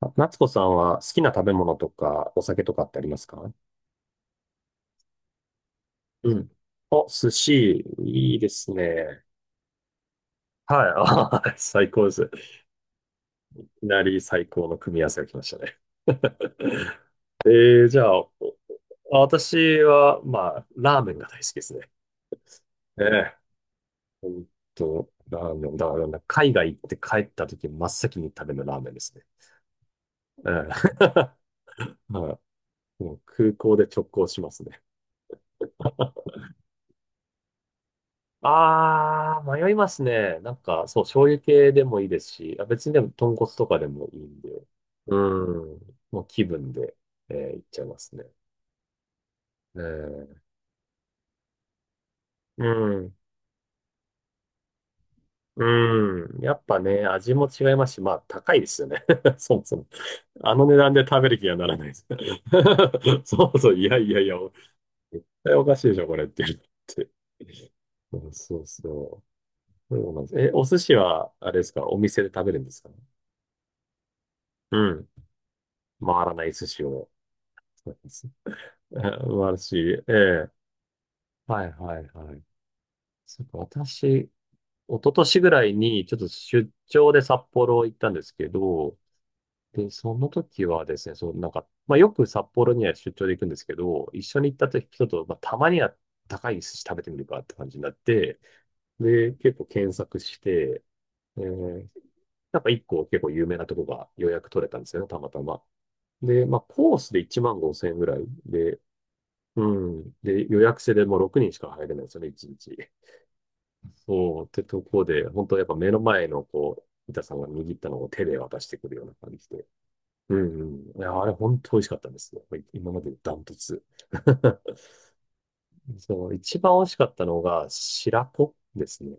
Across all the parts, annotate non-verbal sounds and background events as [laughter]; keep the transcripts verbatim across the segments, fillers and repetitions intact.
あ、夏子さんは好きな食べ物とかお酒とかってありますか？うん。お、寿司、いいですね。はい、あー、[laughs] 最高です。いきなり最高の組み合わせが来ましたね。[laughs] えー、じゃあ、お私は、まあ、ラーメンが大好きですね。ええ、ほんと、ラーメン。だから、海外行って帰った時、真っ先に食べるのラーメンですね。ええ [laughs] はい、もう空港で直行しますね。ああ、迷いますね。なんか、そう、醤油系でもいいですし、あ、別にでも豚骨とかでもいいんで。うん。もう気分で、えー、いっちゃいますね。えー、うん。うん。やっぱね、味も違いますし、まあ、高いですよね。[laughs] そもそも。あの値段で食べる気がならないです。[laughs] そうそう、いやいやいや、絶対おかしいでしょ、これって言って。うん、そうそう。そうなんです。え、お寿司は、あれですか、お店で食べるんですかね？うん。回らない寿司を。[laughs] すえ素晴らしい。ええ。はいはいはい。そうか、私、一昨年ぐらいにちょっと出張で札幌行ったんですけど、で、その時はですね、そう、なんか、まあ、よく札幌には出張で行くんですけど、一緒に行った時人と、まあ、たまには高い寿司食べてみるかって感じになって、で、結構検索して、えーなんか一個結構有名なとこが予約取れたんですよね、たまたま。で、まあ、コースでいちまんごせん円ぐらいで、うん。で、予約制でもうろくにんしか入れないんですよね、いちにち。そう、ってとこで、本当やっぱ目の前の、こう、板さんが握ったのを手で渡してくるような感じで。うんうん。いや、あれ本当美味しかったんですよ。やっぱり今までダントツ。[laughs] そう、一番美味しかったのが、白子ですね。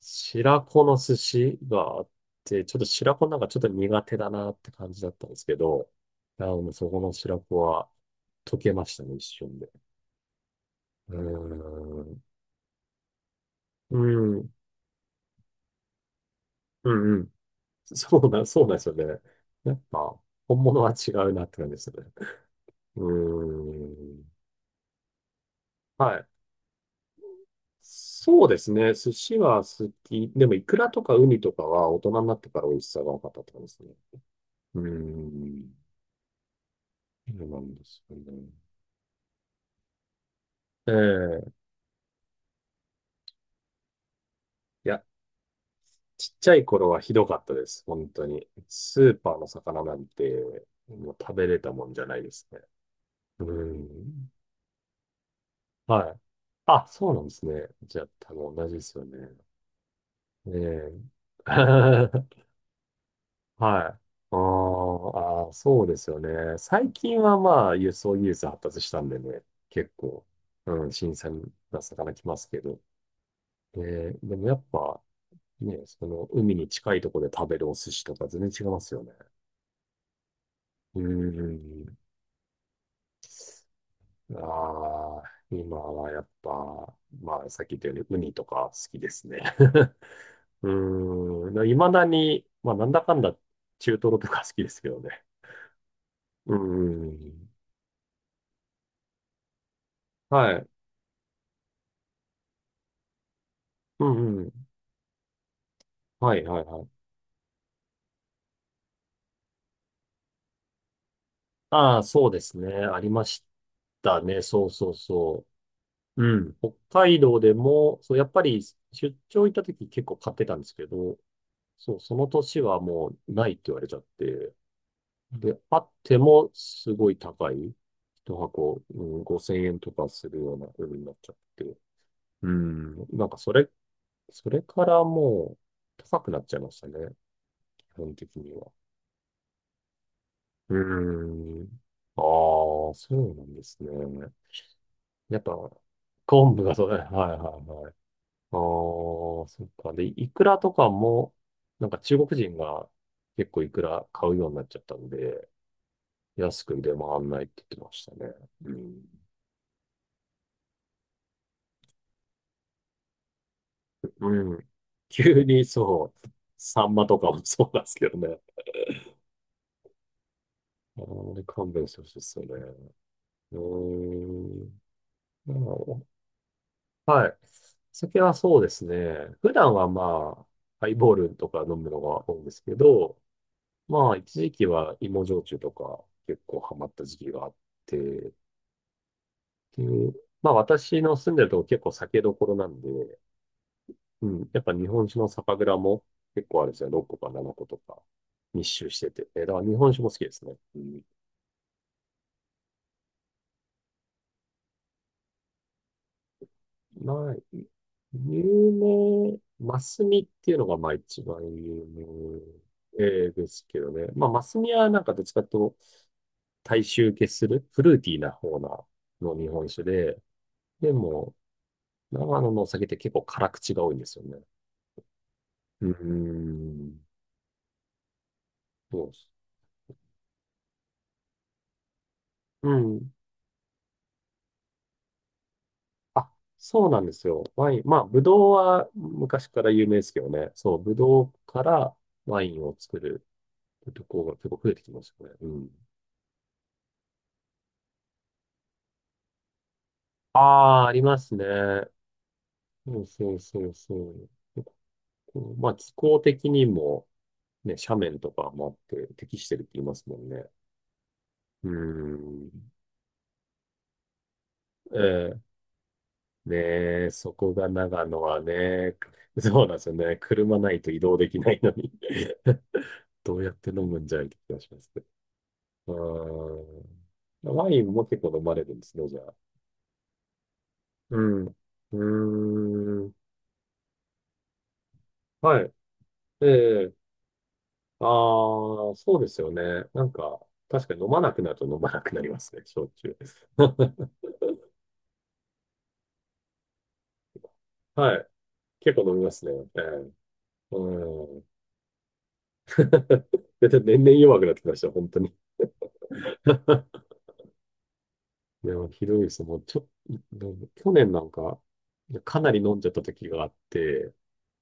白子の寿司があって、ちょっと白子なんかちょっと苦手だなって感じだったんですけど、あの、そこの白子は溶けましたね、一瞬で。うーん。うん。うんうん。[laughs] そうだ、そうなんですよね。やっぱ、本物は違うなって感じですよね。うーん。はい。そうですね。寿司は好き。でも、イクラとかウニとかは大人になってから美味しさが分かったって感じですね。うーん。そうなんですよね。ええ、いや、ちっちゃい頃はひどかったです。本当に。スーパーの魚なんて、もう食べれたもんじゃないですね。うーん。はい。あ、そうなんですね。じゃあ、多分同じですよね。ええ [laughs] はい。あーあー、そうですよね。最近はまあ、輸送技術発達したんでね、結構、うん、新鮮な魚来ますけど。で、でもやっぱ、ね、その、海に近いところで食べるお寿司とか全然違いますよね。うーん。ああ、今はやっぱ、まあ、さっき言ったように、ウニとか好きですね。[laughs] うーん。いまだに、まあ、なんだかんだ、中トロとか好きですけどね。うーん。はい。うんうん。はいはいはい。ああ、そうですね。ありましたね。そうそうそう。うん。北海道でも、そう、やっぱり出張行った時結構買ってたんですけど、そう、その年はもうないって言われちゃって、で、あってもすごい高い。一箱、うん、ごせんえんとかするような風になっちゃって。うん。なんかそれ、それからもう高くなっちゃいましたね。基本的には。うーん。ああ、そうなんですね。やっぱ、昆布がそう、はいはいはい。ああ、そっか。で、イクラとかも、なんか中国人が結構イクラ買うようになっちゃったんで、安く出回んないって言ってましたね。うん。うん。急にそう、サンマとかもそうなんですけどね。あんまり勘弁してほしいですよね。うーん。まあ、はい。酒はそうですね。普段はまあ、ハイボールとか飲むのが多いんですけど、まあ、一時期は芋焼酎とか結構ハマった時期があって、っていう、まあ私の住んでるとこ結構酒どころなんで、うん、やっぱ日本酒の酒蔵も結構あるんですよ。ろっこかななことか密集してて。えーだから日本酒も好きですね。うん、な有名、マスミっていうのがまあ一番有名えーですけどね。まあマスミはなんかどっちかというと大衆受けするフルーティーな方なの日本酒で、でも長野のお酒って結構辛口が多いんですよね。うーん、そうです。うん。あ、そうなんですよ。ワイン、まあブドウは昔から有名ですけどね。そう、ブドウからワインを作るところが結構増えてきましたね。うん。ああ、ありますね。そうそうそうそう。このまあ気候的にもね、斜面とかもあって適してるって言いますもんね。うーん。ええ、ねえ、そこが長野はね、[laughs] そうなんですよね。車ないと移動できないのに [laughs] どうやって飲むんじゃいって気がしますけど。うーん。ワインも結構飲まれるんですね、じゃあ。うん。うーん。はい。ええ、ああ、そうですよね。なんか、確かに飲まなくなると飲まなくなりますね、焼酎。[laughs] はい。結構飲みますね。ええ、うん。[laughs] でで年々弱くなってきました、本当に。[laughs] いや、ひどいです。もう、ちょ、去年なんか、かなり飲んじゃった時があって、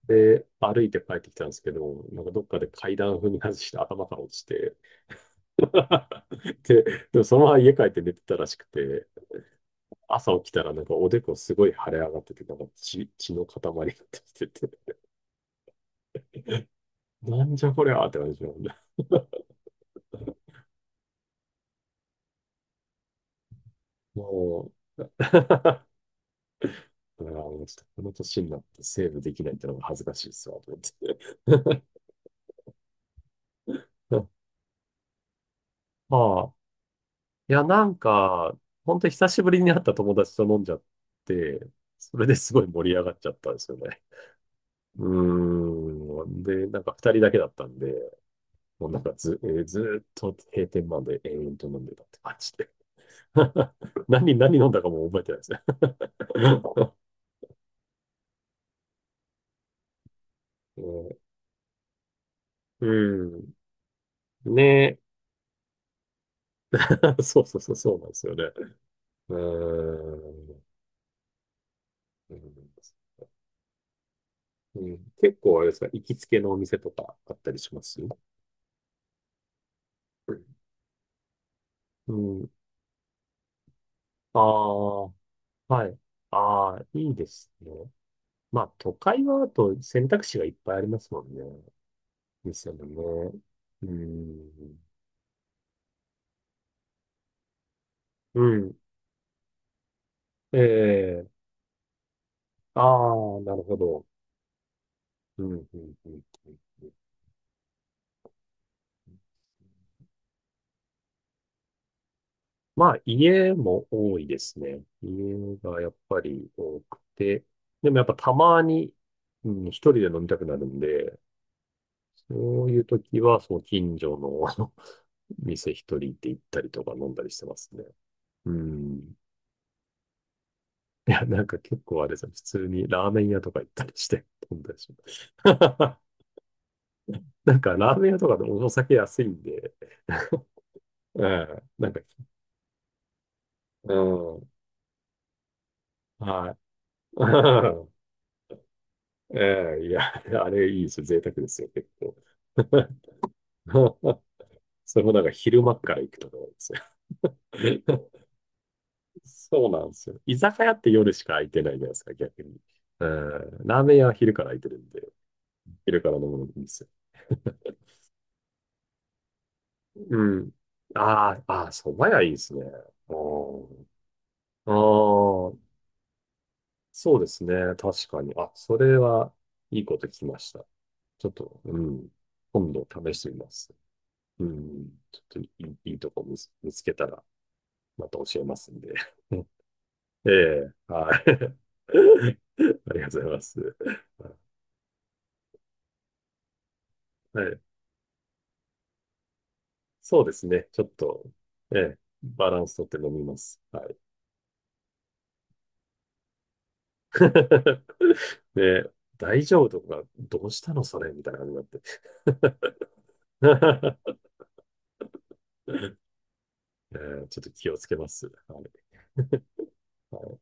で、歩いて帰ってきたんですけど、なんかどっかで階段踏み外して頭から落ちて、[laughs] で、でもそのまま家帰って寝てたらしくて、朝起きたらなんかおでこすごい腫れ上がってて、なんか血、血の塊が出ててて、なんじゃこりゃーって感じなんだ。[laughs] もう、[laughs] だからもうちょっとこの年になってセーブできないってのが恥ずかしいっすわ、と思って。[laughs] まあ、いや、なんか、本当久しぶりに会った友達と飲んじゃって、それですごい盛り上がっちゃったんですよね。うーん。で、なんか二人だけだったんで、もうなんかず、えーずーっと閉店まで延々と飲んでたって感じで。[laughs] 何、何飲んだかも覚えてないですね。[laughs] うん。うん、ねえ [laughs] そうそうそう、そうなんですよね。うーん。うんうん、結構あれですか、行きつけのお店とかあったりします？うん。ああ、はい。ああ、いいですね。まあ、都会はあと選択肢がいっぱいありますもんね。店もね。うん。うん。ええ、ああ、なるほど。うん、うん、うん。うん、まあ、家も多いですね。家がやっぱり多くて、でもやっぱたまに、うん、一人で飲みたくなるんで、そういう時は、その近所の [laughs] あの店一人で行ったりとか飲んだりしてますね。うん。いや、なんか結構あれですよ。普通にラーメン屋とか行ったりして飲んだりします。[laughs] なんかラーメン屋とかでもお酒安いんで、[laughs] うん、なんか、うん、はい。[laughs] ええ、いや、あれいいですよ。贅沢ですよ、結構。[laughs] それもなんか昼間から行くとか多いですよ。[laughs] そうなんですよ。居酒屋って夜しか空いてないじゃないですか、逆に。うん、ラーメン屋は昼から空いてるんで、昼から飲むのもいいんですよ。うん。ああ、ああ、蕎麦屋いいですね。ああ、そうですね。確かに。あ、それはいいこと聞きました。ちょっと、うん。今度試してみます。うん。ちょっといい、いいとこ見つ、見つけたらまた教えますんで。[laughs] ええ、はい。[laughs] ありがとうございます。はい。そうですね。ちょっと、ええ、バランスとって飲みます。はい。[laughs] で、大丈夫とか、どうしたのそれみたいな感じになって。[laughs] ええ、ちょっと気をつけます。はい。はい。